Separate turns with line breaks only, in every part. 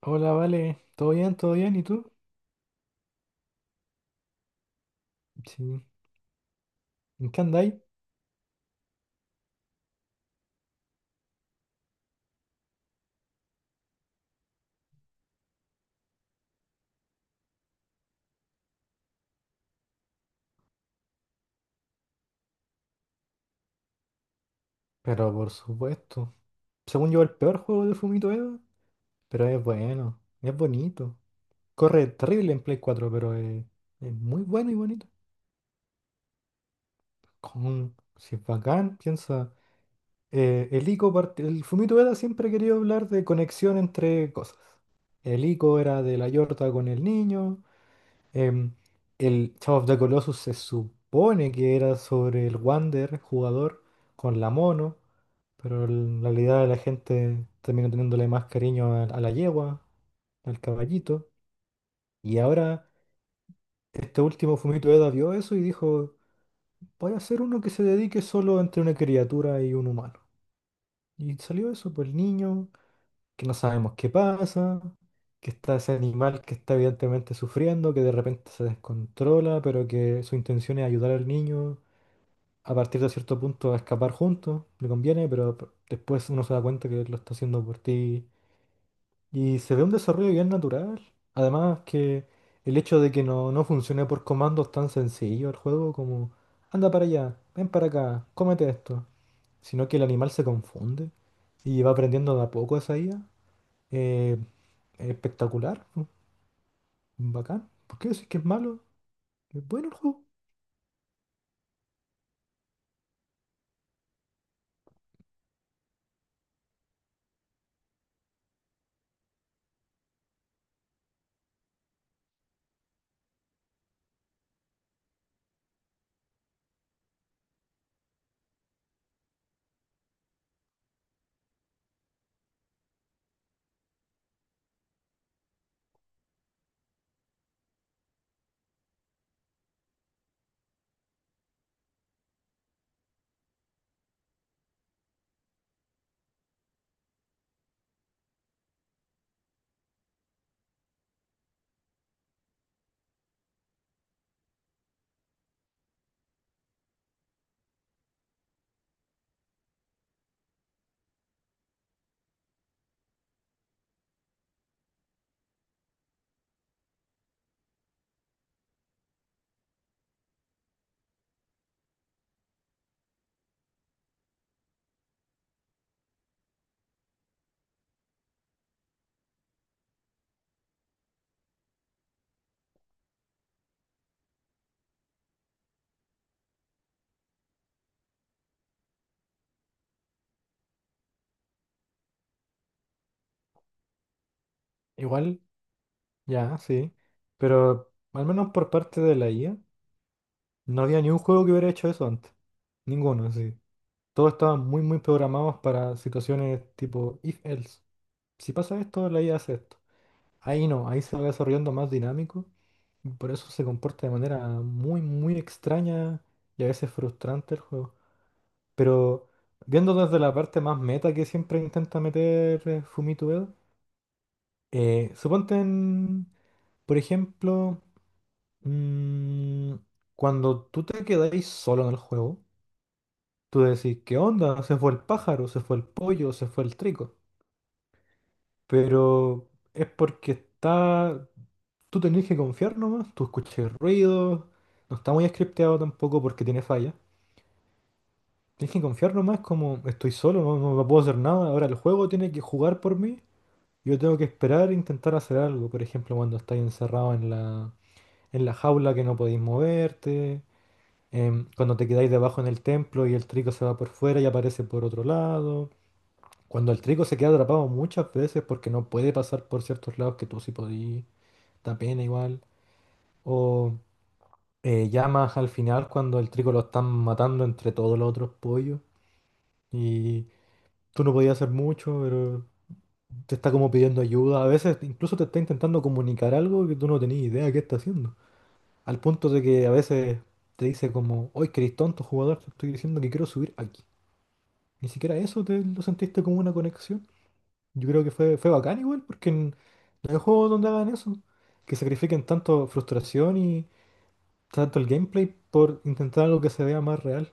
Hola, vale. ¿Todo bien? ¿Todo bien? ¿Y tú? Sí. ¿En qué andáis? Pero por supuesto. Según yo, el peor juego de Fumito Eva. Pero es bueno. Es bonito. Corre terrible en Play 4, pero es muy bueno y bonito. Con, si es bacán, piensa. El Fumito Eva siempre quería hablar de conexión entre cosas. El ICO era de la Yorta con el niño. Em, el Shadow of the Colossus se supone que era sobre el Wander, jugador, con la mono, pero en realidad la gente terminó teniéndole más cariño a la yegua, al caballito. Y ahora este último Fumito Eda vio eso y dijo, voy a hacer uno que se dedique solo entre una criatura y un humano. Y salió eso, pues el niño que no sabemos qué pasa, que está ese animal que está evidentemente sufriendo, que de repente se descontrola, pero que su intención es ayudar al niño a partir de cierto punto a escapar juntos, le conviene, pero después uno se da cuenta que lo está haciendo por ti y se ve un desarrollo bien natural. Además que el hecho de que no funcione por comandos tan sencillo el juego como anda para allá, ven para acá, cómete esto, sino que el animal se confunde y va aprendiendo de a poco esa IA espectacular, bacán. ¿Por qué decir que es malo? Es bueno el juego. Igual, ya, sí. Pero al menos por parte de la IA, no había ni un juego que hubiera hecho eso antes. Ninguno, sí. Todos estaban muy, muy programados para situaciones tipo if else. Si pasa esto, la IA hace esto. Ahí no, ahí se va desarrollando más dinámico. Y por eso se comporta de manera muy, muy extraña y a veces frustrante el juego. Pero viendo desde la parte más meta que siempre intenta meter Fumito Ueda, suponte por ejemplo, mm, cuando tú te quedáis solo en el juego, tú decís, ¿qué onda? Se fue el pájaro, se fue el pollo, se fue el trico. Pero es porque está... Tú tenés que confiar nomás, tú escuchas ruidos, no está muy scripteado tampoco porque tiene fallas. Tienes que confiar nomás como estoy solo, no puedo hacer nada. Ahora el juego tiene que jugar por mí. Yo tengo que esperar e intentar hacer algo. Por ejemplo, cuando estáis encerrado en la jaula que no podéis moverte, cuando te quedáis debajo en el templo y el trigo se va por fuera y aparece por otro lado, cuando el trigo se queda atrapado muchas veces porque no puede pasar por ciertos lados que tú sí podías, da pena igual, o llamas al final cuando el trigo lo están matando entre todos los otros pollos y tú no podías hacer mucho, pero te está como pidiendo ayuda, a veces incluso te está intentando comunicar algo que tú no tenías idea de qué está haciendo. Al punto de que a veces te dice como, hoy que eres tonto jugador, te estoy diciendo que quiero subir aquí. Ni siquiera eso te lo sentiste como una conexión. Yo creo que fue bacán igual, no hay juegos donde hagan eso. Que sacrifiquen tanto frustración y tanto el gameplay por intentar algo que se vea más real.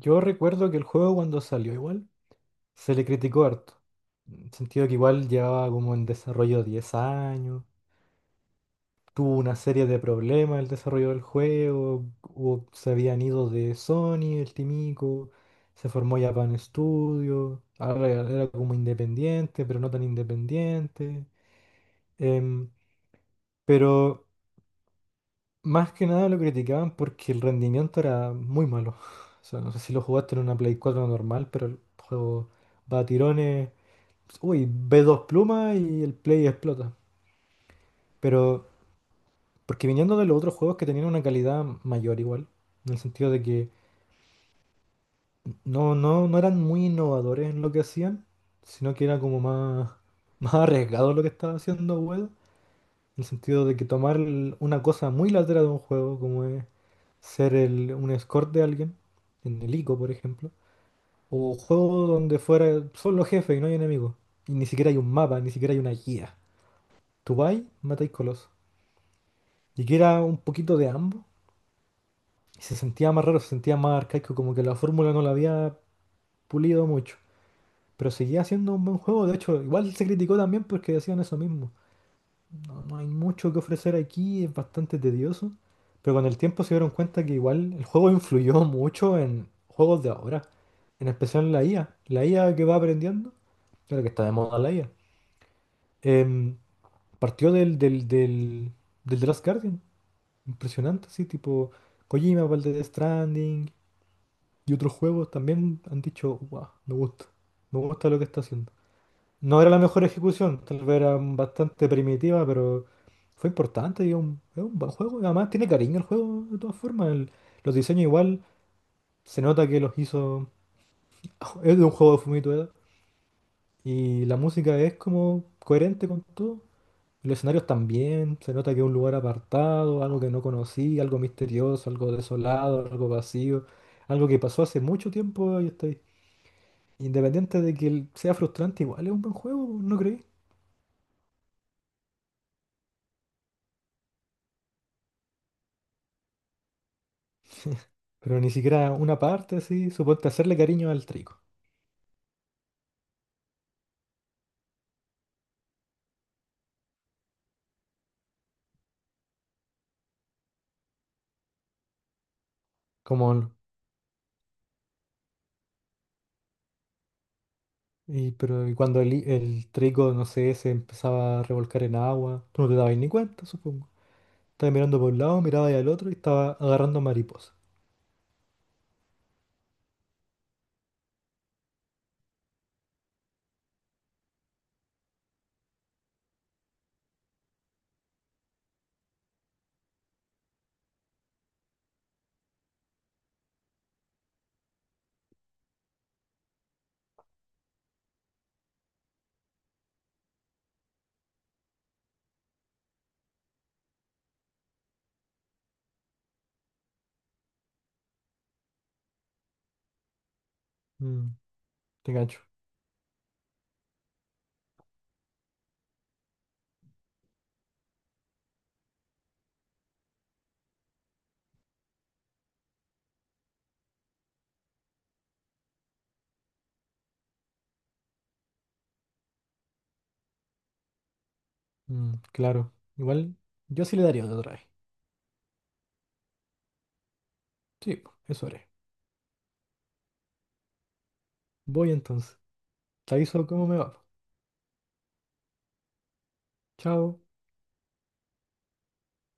Yo recuerdo que el juego cuando salió igual, se le criticó harto. En el sentido que igual llevaba como en desarrollo 10 años. Tuvo una serie de problemas el desarrollo del juego, se habían ido de Sony, el Timico, se formó Japan Studio, ahora era como independiente, pero no tan independiente. Em, pero más que nada lo criticaban porque el rendimiento era muy malo. O sea, no sé si lo jugaste en una Play 4 normal, pero el juego va a tirones. Uy, ve dos plumas y el Play explota. Pero porque viniendo de los otros juegos que tenían una calidad mayor igual, en el sentido de que no eran muy innovadores en lo que hacían, sino que era como más, más arriesgado lo que estaba haciendo Ueda, en el sentido de que tomar una cosa muy lateral de un juego, como es ser un escort de alguien, en el ICO por ejemplo, o juego donde fuera solo jefe y no hay enemigos, y ni siquiera hay un mapa, ni siquiera hay una guía. Tú vas, matáis colosos. Y que era un poquito de ambos, y se sentía más raro, se sentía más arcaico, como que la fórmula no la había pulido mucho. Pero seguía siendo un buen juego, de hecho, igual se criticó también porque decían eso mismo. No, no hay mucho que ofrecer aquí, es bastante tedioso. Pero con el tiempo se dieron cuenta que igual el juego influyó mucho en juegos de ahora. En especial en la IA. La IA que va aprendiendo, claro que está de moda la IA. em, Partió del The Last Guardian. Impresionante, sí, tipo Kojima para el de Death Stranding. Y otros juegos también han dicho, wow, me gusta lo que está haciendo. No era la mejor ejecución, tal vez era bastante primitiva, pero fue importante y es un buen juego. Y además tiene cariño el juego de todas formas. Los diseños igual, se nota que los hizo... Es de un juego de Fumito Ueda. Y la música es como coherente con todo. Los escenarios también, se nota que es un lugar apartado, algo que no conocí, algo misterioso, algo desolado, algo vacío, algo que pasó hace mucho tiempo y está ahí. Independiente de que sea frustrante, igual es un buen juego, ¿no creí? Pero ni siquiera una parte así, suponte hacerle cariño al trigo. Como, el- y cuando el trigo, no sé, se empezaba a revolcar en agua, tú no te dabas ni cuenta, supongo. Estabas mirando por un lado, mirabas al otro y estaba agarrando mariposas. Mm, Te gancho. Mm, claro. Igual, yo sí le daría otra vez. Sí, po, eso haré. Voy entonces. Te aviso cómo me va, po. Chao.